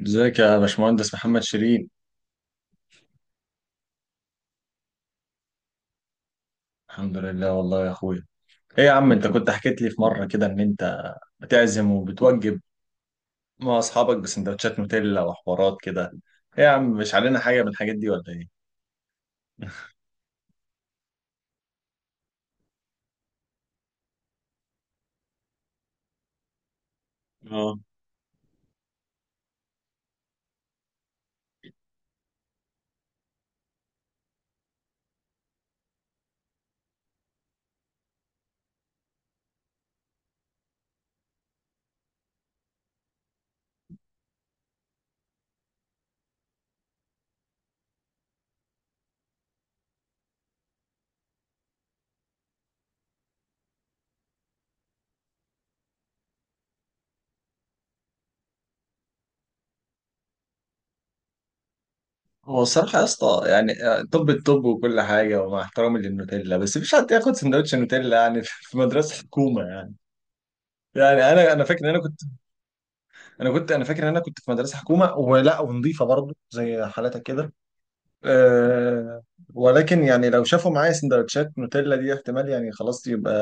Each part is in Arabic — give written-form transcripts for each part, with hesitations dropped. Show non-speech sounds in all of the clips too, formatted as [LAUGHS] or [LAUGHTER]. ازيك يا باشمهندس محمد شيرين؟ الحمد لله والله يا اخويا. ايه يا عم، انت كنت حكيت لي في مره كده ان انت بتعزم وبتوجب مع اصحابك بسندوتشات نوتيلا وحوارات كده. ايه يا عم، مش علينا حاجه من الحاجات دي ولا ايه؟ اه. هو الصراحه يا اسطى، يعني طب الطب وكل حاجه، ومع احترامي للنوتيلا بس مش حد ياخد سندوتش نوتيلا يعني [LAUGHS] في مدرسه حكومه يعني. يعني انا فاكر ان انا كنت في مدرسه حكومه ولا ونظيفه برضه زي حالتك كده. أه. ولكن يعني لو شافوا معايا سندوتشات نوتيلا دي احتمال يعني خلاص يبقى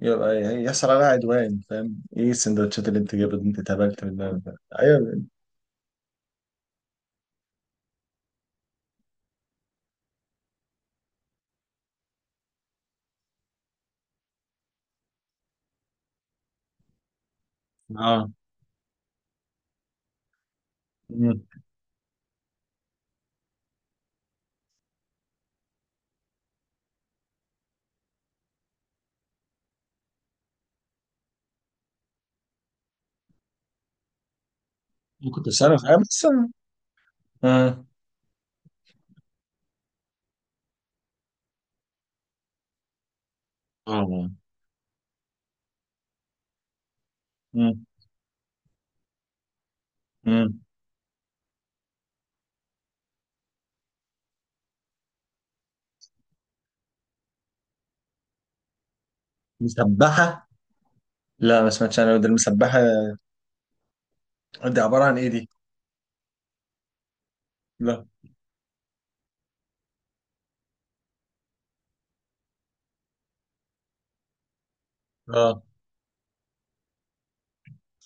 يبقى يحصل عليها عدوان. فاهم ايه السندوتشات اللي انت جايبها دي؟ انت اتهبلت منها ده. ايوه. اه. مم. ممكن بس انا تسبح فاهم مم. اه. مم. مم. مسبحة. لا ما سمعتش انا، ده المسبحة دي عبارة عن ايه دي؟ لا. اه،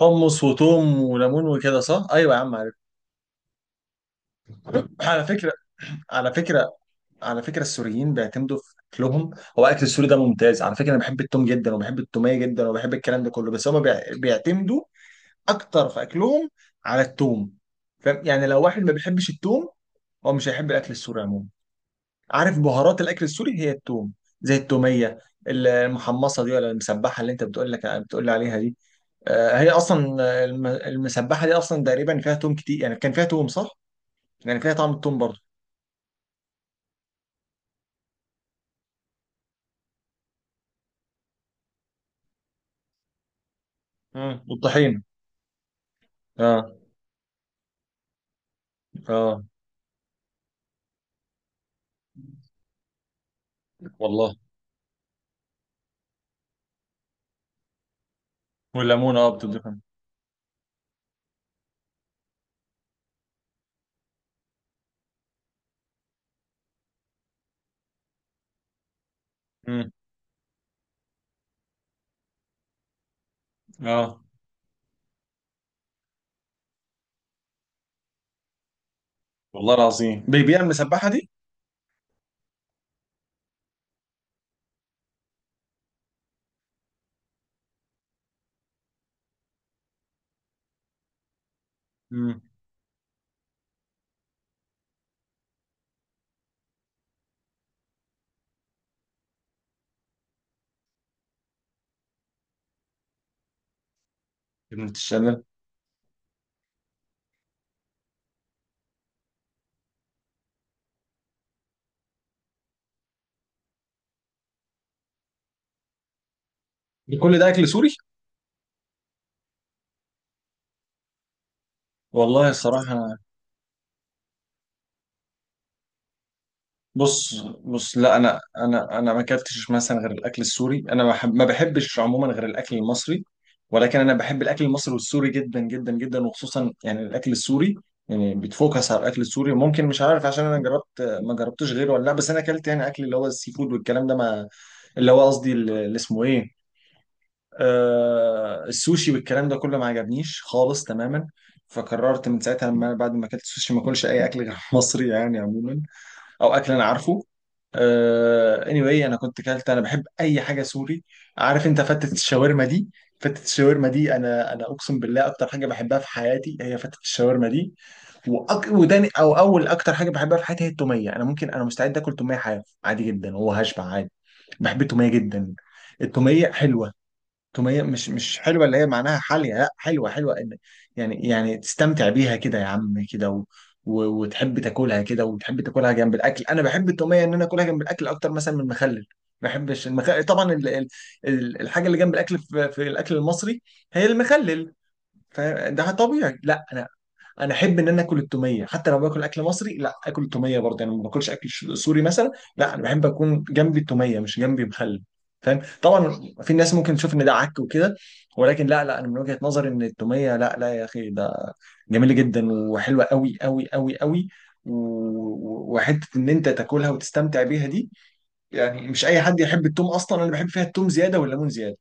حمص وتوم وليمون وكده صح؟ ايوه يا عم عارف. على على فكرة فكرة، السوريين بيعتمدوا في أكلهم. هو أكل السوري ده ممتاز على فكرة، أنا بحب التوم جدا وبحب التومية جدا وبحب الكلام ده كله، بس هما بيعتمدوا أكتر في أكلهم على التوم. فاهم يعني لو واحد ما بيحبش التوم، هو مش هيحب الأكل السوري عموما. عارف بهارات الأكل السوري هي التوم، زي التومية. المحمصة دي ولا المسبحة اللي أنت بتقول لك بتقول لي عليها دي هي أصلا، المسبحة دي أصلا تقريبا فيها توم كتير، يعني كان فيها توم صح؟ يعني فيها طعم التوم برضه. مم. والطحين. اه. اه. والله. والليمون اه، بتضيفها. امم. اه، والله العظيم بيبيع المسبحه دي؟ امم. ابنة الشلال. ده كل ده اكل سوري؟ والله الصراحه. بص بص، لا انا ما اكلتش مثلا غير الاكل السوري، انا ما بحبش عموما غير الاكل المصري. ولكن انا بحب الاكل المصري والسوري جدا جدا جدا، وخصوصا يعني الاكل السوري. يعني بتفوكس على الاكل السوري، ممكن مش عارف عشان انا جربت ما جربتوش غيره ولا لا. بس انا اكلت يعني اكل اللي هو السي فود والكلام ده، ما اللي هو قصدي اللي اسمه ايه، السوشي والكلام ده كله ما عجبنيش خالص تماما. فقررت من ساعتها لما بعد ما اكلت السوشي ما اكلش اي اكل غير [LAUGHS] مصري يعني عموما، او اكل انا عارفه. Anyway انا كنت كلت انا بحب اي حاجه سوري. عارف انت فتة الشاورما دي؟ فتة الشاورما دي انا انا اقسم بالله اكتر حاجه بحبها في حياتي هي فتة الشاورما دي. وتاني او اول اكتر حاجه بحبها في حياتي هي التوميه. انا ممكن انا مستعد اكل توميه حاف عادي جدا وهشبع عادي. بحب التوميه جدا. التوميه حلوه. تومية مش حلوة اللي هي معناها حالية، لا حلوة حلوة يعني تستمتع بيها كده يا عم كده، وتحب تاكلها كده، وتحب تاكلها جنب الاكل. انا بحب التومية ان انا اكلها جنب الاكل اكتر مثلا من المخلل. ما بحبش المخلل طبعا، الحاجة اللي جنب الاكل في الاكل المصري هي المخلل. فده طبيعي، لا انا انا احب ان انا اكل التوميه حتى لو باكل اكل مصري، لا اكل التوميه برضه، يعني ما باكلش اكل سوري مثلا. لا انا بحب اكون جنبي التوميه مش جنبي مخلل. فاهم طبعا. في ناس ممكن تشوف ان ده عك وكده، ولكن لا لا، انا من وجهه نظري ان التوميه، لا لا يا اخي، ده جميله جدا وحلوه قوي قوي قوي قوي. وحته ان انت تاكلها وتستمتع بيها دي. يعني مش اي حد يحب التوم اصلا، انا بحب فيها التوم زياده والليمون زياده.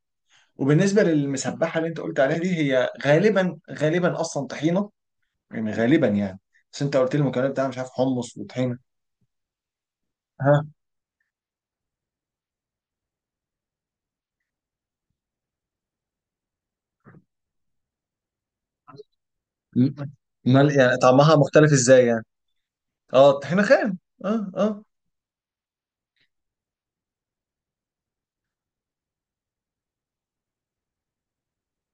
وبالنسبه للمسبحه اللي انت قلت عليها دي، هي غالبا غالبا اصلا طحينه يعني، غالبا يعني. بس انت قلت لي المكونات بتاعها مش عارف حمص وطحينه. ها. امال يعني طعمها مختلف ازاي يعني؟ اه الطحينه خام. اه، اه.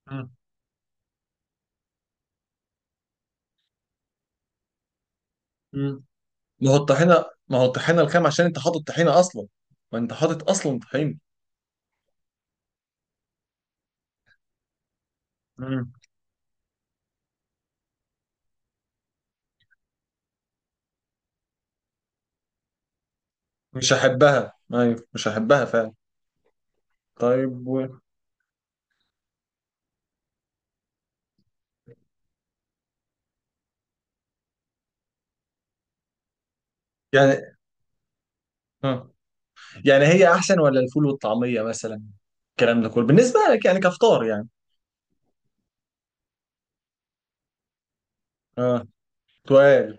مم. مم. ما هو الطحينه، ما هو الطحينه الخام عشان انت حاطط طحينه اصلا. ما انت حاطط اصلا طحينه. مم. مش هحبها، ايوه مش هحبها فعلا. طيب يعني اه، يعني هي احسن ولا الفول والطعميه مثلا؟ الكلام ده كله بالنسبه لك يعني كفطار يعني. اه. سؤال.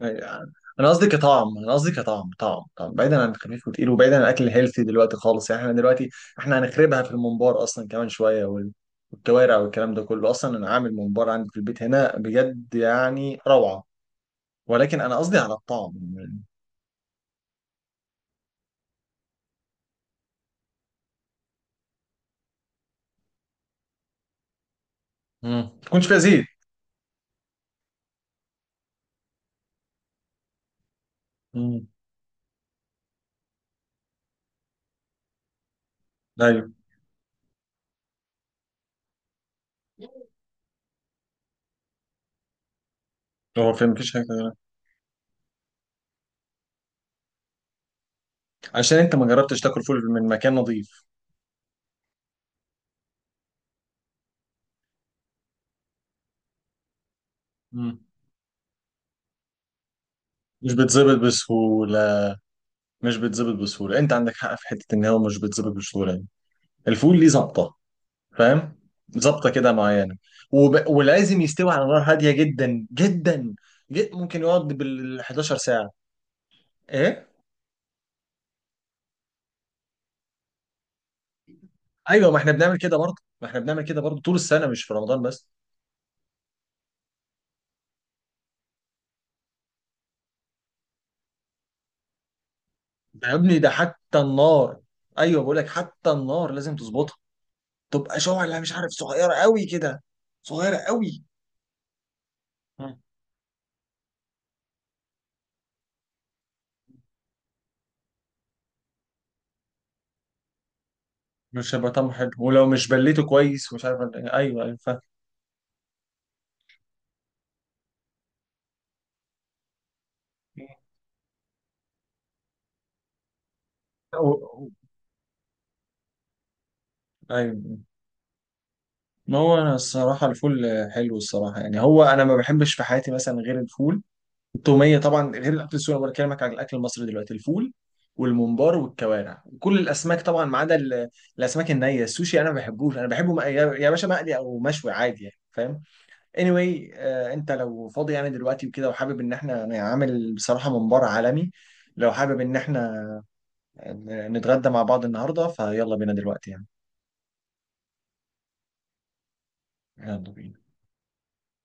يعني انا قصدي كطعم، انا قصدي كطعم، طعم طعم، بعيدا عن الخفيف وتقيل، وبعيدا عن الاكل الهيلثي دلوقتي خالص، يعني احنا دلوقتي احنا هنخربها في الممبار اصلا كمان شويه، والكوارع والكلام ده كله، اصلا انا عامل ممبار عندي في البيت هنا بجد يعني روعه. ولكن انا قصدي على الطعم يعني. مم. ما تكونش فيها زيت. مم. ايوه. هو في مفيش حاجه غيرها. عشان انت ما جربتش تاكل فول من مكان نظيف. مم. مش بيتظبط بسهوله. مش بيتظبط بسهوله، انت عندك حق في حته ان هو مش بيتظبط بسهوله يعني. الفول ليه ظبطه. فاهم. ظابطه كده معينه. ولازم يستوي على نار هاديه جدا جدا. جد ممكن يقعد بال 11 ساعه. ايه. ايوه ما احنا بنعمل كده برضه. ما احنا بنعمل كده برضه طول السنه مش في رمضان بس. ده يا ابني ده حتى النار. ايوه بقول لك حتى النار لازم تظبطها. تبقى شعله مش عارف صغيره قوي كده. صغيره قوي. مم. مش هيبقى طعمه حلو، ولو مش بليته كويس ومش عارف، ايوه ايوه فاهم. و- و- ايوه. ما هو انا الصراحه الفول حلو الصراحه يعني، هو انا ما بحبش في حياتي مثلا غير الفول، التوميه طبعا، غير الاكل السوري. انا بكلمك عن الاكل المصري دلوقتي: الفول والممبار والكوارع، كل الاسماك طبعا ما عدا الاسماك النيه، السوشي انا ما بحبوش. انا بحبه يا يا باشا مقلي او مشوي عادي يعني فاهم. anyway آه انت لو فاضي يعني دلوقتي وكده، وحابب ان احنا نعمل بصراحه ممبار عالمي، لو حابب ان احنا نتغدى مع بعض النهارده فيلا بينا دلوقتي يعني. يلا بينا.